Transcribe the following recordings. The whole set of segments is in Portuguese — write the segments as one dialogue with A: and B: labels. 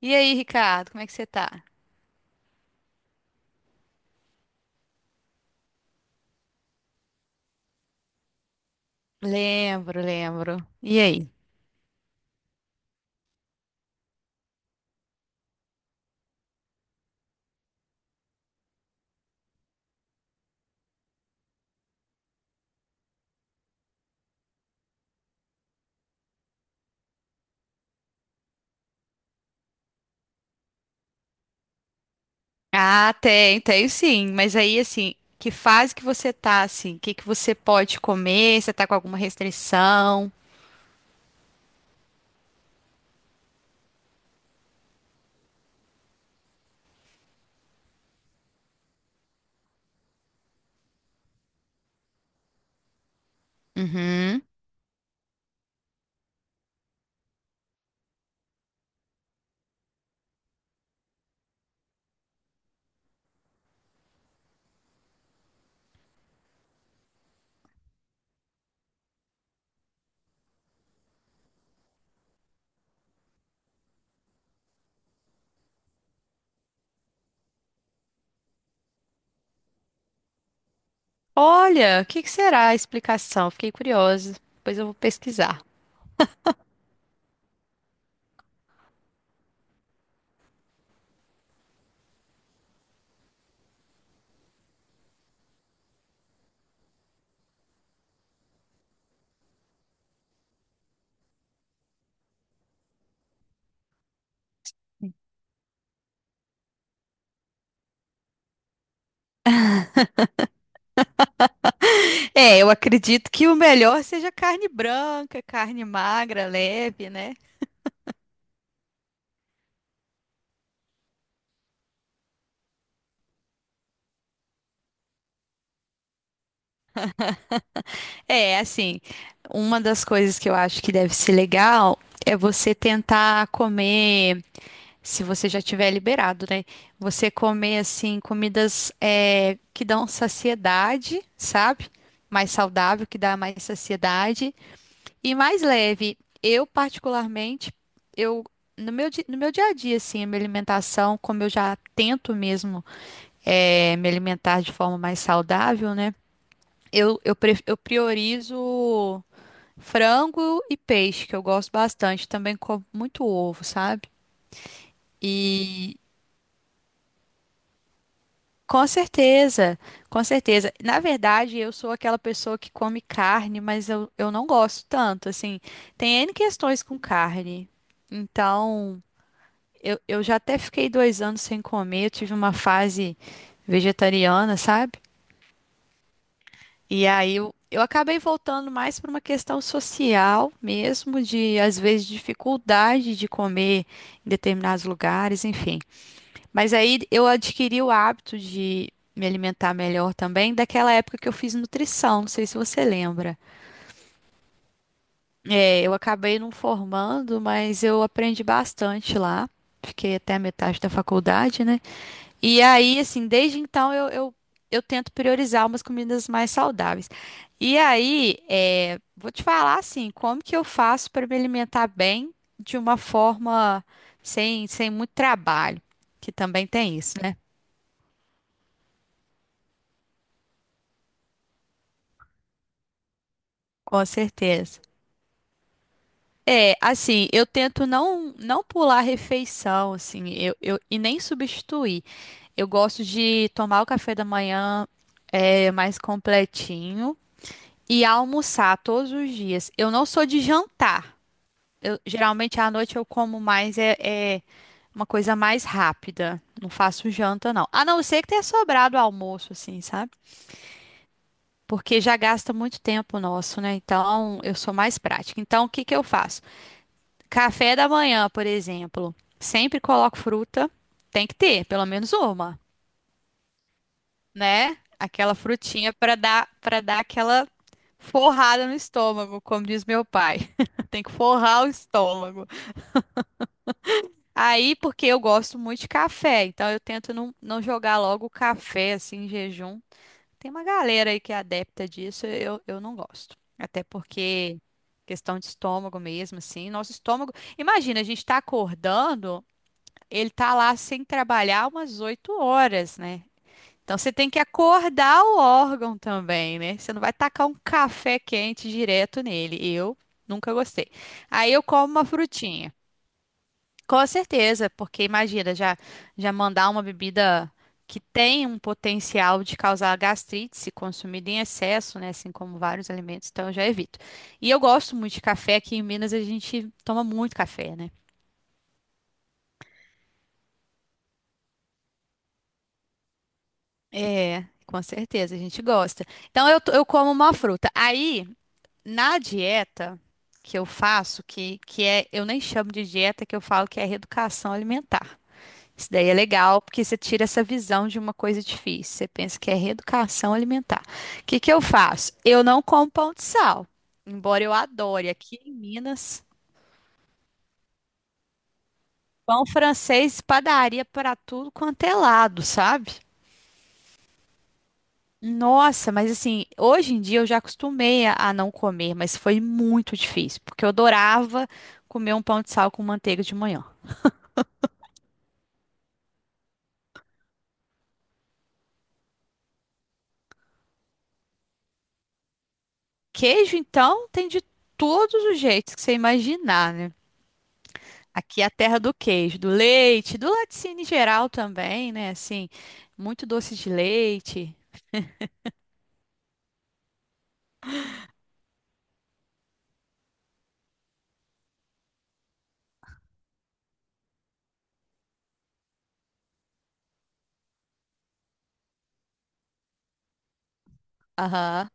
A: E aí, Ricardo, como é que você tá? Lembro, lembro. E aí? Ah, tem sim. Mas aí, assim, que fase que você tá, assim? O que que você pode comer? Você tá com alguma restrição? Uhum. Olha, o que que será a explicação? Fiquei curiosa. Depois eu vou pesquisar. É, eu acredito que o melhor seja carne branca, carne magra, leve, né? É, assim, uma das coisas que eu acho que deve ser legal é você tentar comer. Se você já tiver liberado, né? Você comer assim comidas é, que dão saciedade, sabe? Mais saudável, que dá mais saciedade e mais leve. Eu particularmente, eu no meu, no meu dia a dia, assim, a minha alimentação, como eu já tento mesmo é, me alimentar de forma mais saudável, né? Eu priorizo frango e peixe, que eu gosto bastante. Também como muito ovo, sabe? E com certeza, com certeza. Na verdade, eu sou aquela pessoa que come carne, mas eu não gosto tanto, assim. Tem N questões com carne. Então, eu já até fiquei 2 anos sem comer, eu tive uma fase vegetariana, sabe? E aí eu acabei voltando mais para uma questão social mesmo, de às vezes dificuldade de comer em determinados lugares, enfim. Mas aí eu adquiri o hábito de me alimentar melhor também daquela época que eu fiz nutrição, não sei se você lembra. É, eu acabei não formando, mas eu aprendi bastante lá. Fiquei até a metade da faculdade, né? E aí, assim, desde então eu tento priorizar umas comidas mais saudáveis. E aí, é, vou te falar assim, como que eu faço para me alimentar bem de uma forma sem, sem muito trabalho, que também tem isso, né? Com certeza. É, assim, eu tento não pular a refeição, assim, e nem substituir. Eu gosto de tomar o café da manhã é, mais completinho e almoçar todos os dias. Eu não sou de jantar. Eu, geralmente à noite eu como mais é uma coisa mais rápida. Não faço janta, não. A não ser que tenha sobrado almoço, assim, sabe? Porque já gasta muito tempo nosso, né? Então eu sou mais prática. Então o que que eu faço? Café da manhã, por exemplo, sempre coloco fruta, tem que ter pelo menos uma, né? Aquela frutinha para dar aquela forrada no estômago, como diz meu pai. Tem que forrar o estômago. Aí, porque eu gosto muito de café, então eu tento não jogar logo o café assim em jejum. Tem uma galera aí que é adepta disso, eu não gosto. Até porque questão de estômago mesmo, assim, nosso estômago. Imagina, a gente tá acordando. Ele tá lá sem trabalhar umas 8 horas, né? Então você tem que acordar o órgão também, né? Você não vai tacar um café quente direto nele. Eu nunca gostei. Aí eu como uma frutinha. Com certeza, porque imagina, já mandar uma bebida que tem um potencial de causar gastrite se consumida em excesso, né? Assim como vários alimentos, então eu já evito. E eu gosto muito de café, aqui em Minas a gente toma muito café, né? É, com certeza, a gente gosta. Então eu, eu como uma fruta. Aí, na dieta que eu faço, que é, eu nem chamo de dieta, que eu falo que é reeducação alimentar. Isso daí é legal, porque você tira essa visão de uma coisa difícil. Você pensa que é reeducação alimentar. O que que eu faço? Eu não como pão de sal, embora eu adore aqui em Minas, pão francês, padaria para tudo quanto é lado, sabe? Nossa, mas assim, hoje em dia eu já acostumei a não comer, mas foi muito difícil, porque eu adorava comer um pão de sal com manteiga de manhã. Queijo, então, tem de todos os jeitos que você imaginar, né? Aqui é a terra do queijo, do leite, do laticínio em geral também, né? Assim, muito doce de leite. Aham.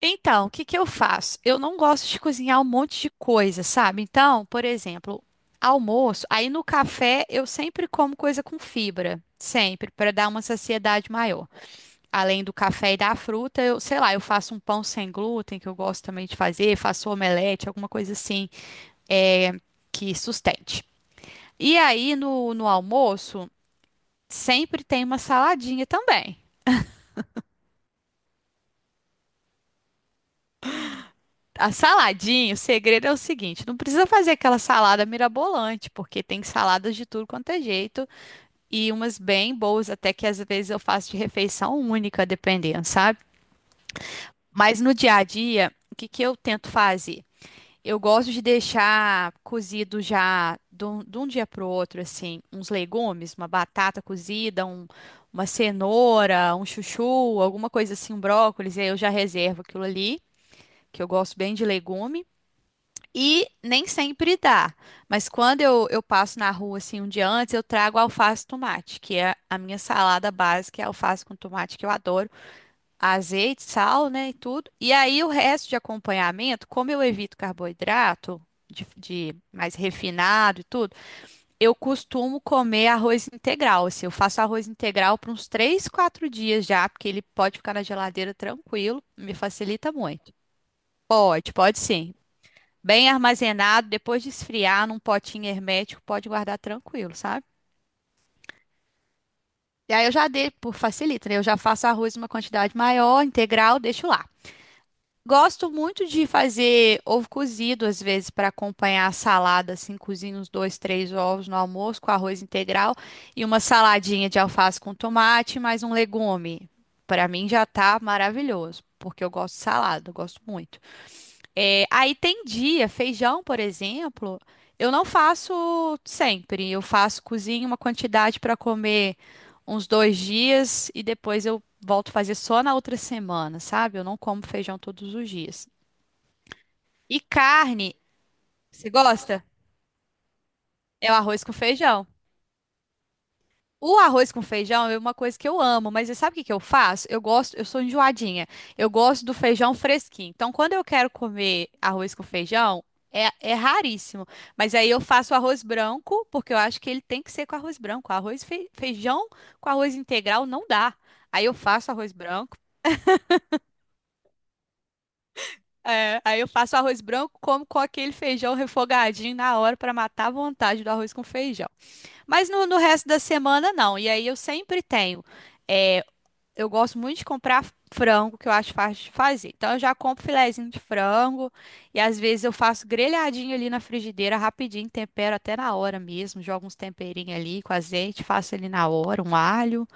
A: Então, o que que eu faço? Eu não gosto de cozinhar um monte de coisa, sabe? Então, por exemplo, almoço, aí no café eu sempre como coisa com fibra, sempre, para dar uma saciedade maior. Além do café e da fruta, eu, sei lá, eu faço um pão sem glúten, que eu gosto também de fazer, faço omelete, alguma coisa assim, é, que sustente. E aí no almoço, sempre tem uma saladinha também. A saladinha, o segredo é o seguinte: não precisa fazer aquela salada mirabolante, porque tem saladas de tudo quanto é jeito e umas bem boas, até que às vezes eu faço de refeição única, dependendo, sabe? Mas no dia a dia, o que que eu tento fazer? Eu gosto de deixar cozido já de um dia para o outro, assim, uns legumes, uma batata cozida, uma cenoura, um chuchu, alguma coisa assim, um brócolis, e aí eu já reservo aquilo ali, que eu gosto bem de legume. E nem sempre dá. Mas quando eu passo na rua assim um dia antes, eu trago alface e tomate, que é a minha salada básica, é alface com tomate que eu adoro, azeite, sal, né, e tudo. E aí o resto de acompanhamento, como eu evito carboidrato de mais refinado e tudo, eu costumo comer arroz integral. Assim, eu faço arroz integral por uns 3, 4 dias já, porque ele pode ficar na geladeira tranquilo, me facilita muito. Pode, pode sim. Bem armazenado, depois de esfriar num potinho hermético, pode guardar tranquilo, sabe? E aí eu já dei por facilita, né? Eu já faço arroz em uma quantidade maior, integral, deixo lá. Gosto muito de fazer ovo cozido, às vezes, para acompanhar a salada, assim, cozinho uns dois, três ovos no almoço com arroz integral e uma saladinha de alface com tomate, mais um legume. Para mim já tá maravilhoso, porque eu gosto de salada, eu gosto muito. É, aí tem dia, feijão, por exemplo, eu não faço sempre. Eu faço, cozinho uma quantidade para comer uns 2 dias e depois eu volto a fazer só na outra semana, sabe? Eu não como feijão todos os dias. E carne, você gosta? É o arroz com feijão. O arroz com feijão é uma coisa que eu amo, mas você sabe o que que eu faço? Eu gosto, eu sou enjoadinha. Eu gosto do feijão fresquinho. Então, quando eu quero comer arroz com feijão, é raríssimo. Mas aí eu faço arroz branco, porque eu acho que ele tem que ser com arroz branco. Arroz feijão com arroz integral não dá. Aí eu faço arroz branco. É, aí eu faço arroz branco como com aquele feijão refogadinho na hora para matar a vontade do arroz com feijão. Mas no resto da semana não. E aí eu sempre tenho. Eu gosto muito de comprar frango, que eu acho fácil de fazer. Então, eu já compro filezinho de frango e às vezes eu faço grelhadinho ali na frigideira, rapidinho, tempero até na hora mesmo, jogo uns temperinhos ali com azeite, faço ali na hora, um alho.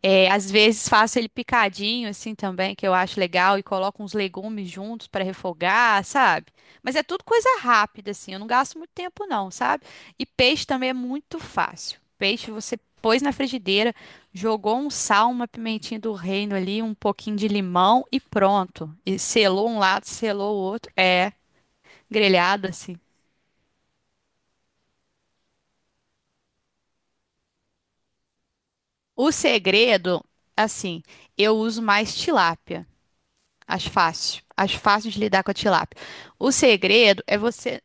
A: É, às vezes faço ele picadinho assim também, que eu acho legal, e coloco uns legumes juntos para refogar, sabe? Mas é tudo coisa rápida assim, eu não gasto muito tempo não, sabe? E peixe também é muito fácil. Peixe você pôs na frigideira, jogou um sal, uma pimentinha do reino ali, um pouquinho de limão e pronto. E selou um lado, selou o outro, é grelhado assim. O segredo, assim, eu uso mais tilápia. As fáceis. As fáceis de lidar com a tilápia. O segredo é você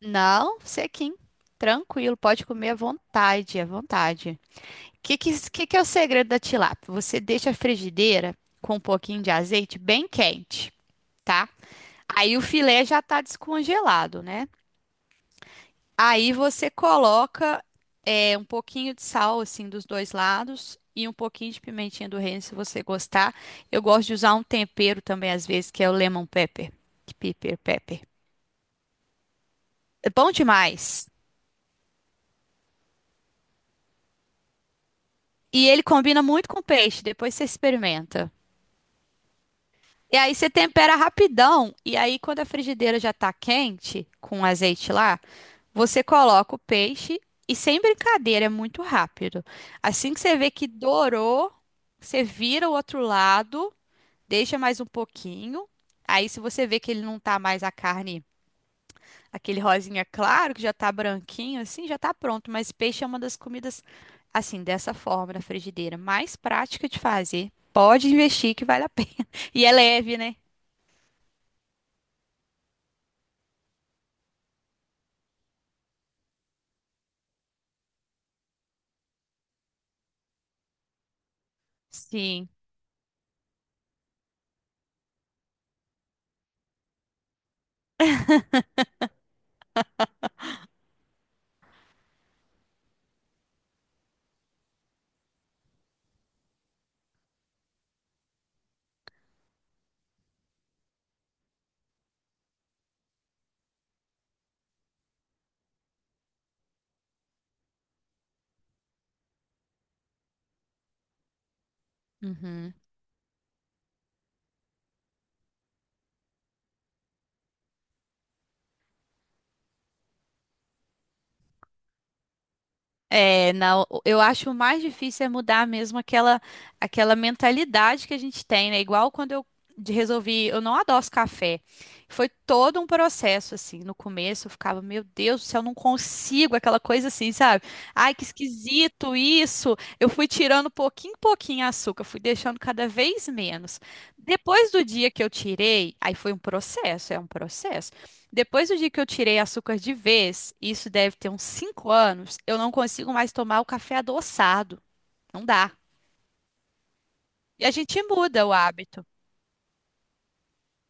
A: não sequinho. Tranquilo, pode comer à vontade, à vontade. O que, que é o segredo da tilápia? Você deixa a frigideira com um pouquinho de azeite bem quente, tá? Aí o filé já tá descongelado, né? Aí você coloca é, um pouquinho de sal, assim, dos dois lados e um pouquinho de pimentinha do reino, se você gostar. Eu gosto de usar um tempero também, às vezes, que é o lemon pepper. Pepper, pepper. É bom demais. E ele combina muito com peixe, depois você experimenta. E aí você tempera rapidão. E aí, quando a frigideira já tá quente, com azeite lá, você coloca o peixe e sem brincadeira, é muito rápido. Assim que você vê que dourou, você vira o outro lado, deixa mais um pouquinho. Aí, se você vê que ele não tá mais a carne, aquele rosinha claro, que já tá branquinho, assim, já tá pronto. Mas peixe é uma das comidas, assim, dessa forma, na frigideira, mais prática de fazer. Pode investir que vale a pena. E é leve, né? Sim. Uhum. É, não eu acho o mais difícil é mudar mesmo aquela, aquela mentalidade que a gente tem, né? Igual quando eu resolvi, eu não adoço café. Foi todo um processo, assim. No começo eu ficava, meu Deus do céu, eu não consigo, aquela coisa assim, sabe? Ai, que esquisito isso. Eu fui tirando pouquinho em pouquinho açúcar, fui deixando cada vez menos. Depois do dia que eu tirei, aí foi um processo, é um processo. Depois do dia que eu tirei açúcar de vez, isso deve ter uns 5 anos, eu não consigo mais tomar o café adoçado. Não dá. E a gente muda o hábito.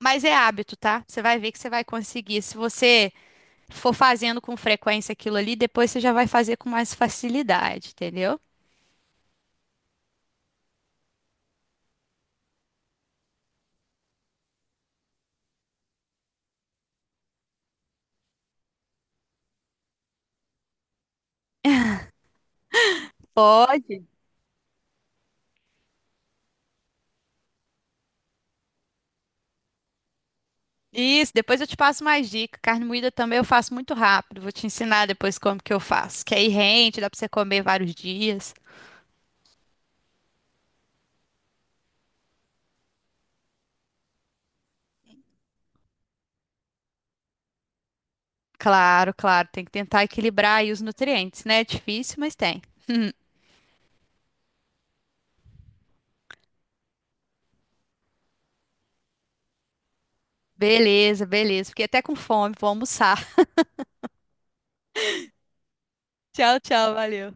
A: Mas é hábito, tá? Você vai ver que você vai conseguir. Se você for fazendo com frequência aquilo ali, depois você já vai fazer com mais facilidade, entendeu? Pode. Isso, depois eu te passo mais dicas. Carne moída também eu faço muito rápido. Vou te ensinar depois como que eu faço. Que aí rende, dá pra você comer vários dias. Claro, claro, tem que tentar equilibrar aí os nutrientes, né? É difícil, mas tem. Beleza, beleza. Fiquei até com fome, vou almoçar. Tchau, tchau, valeu.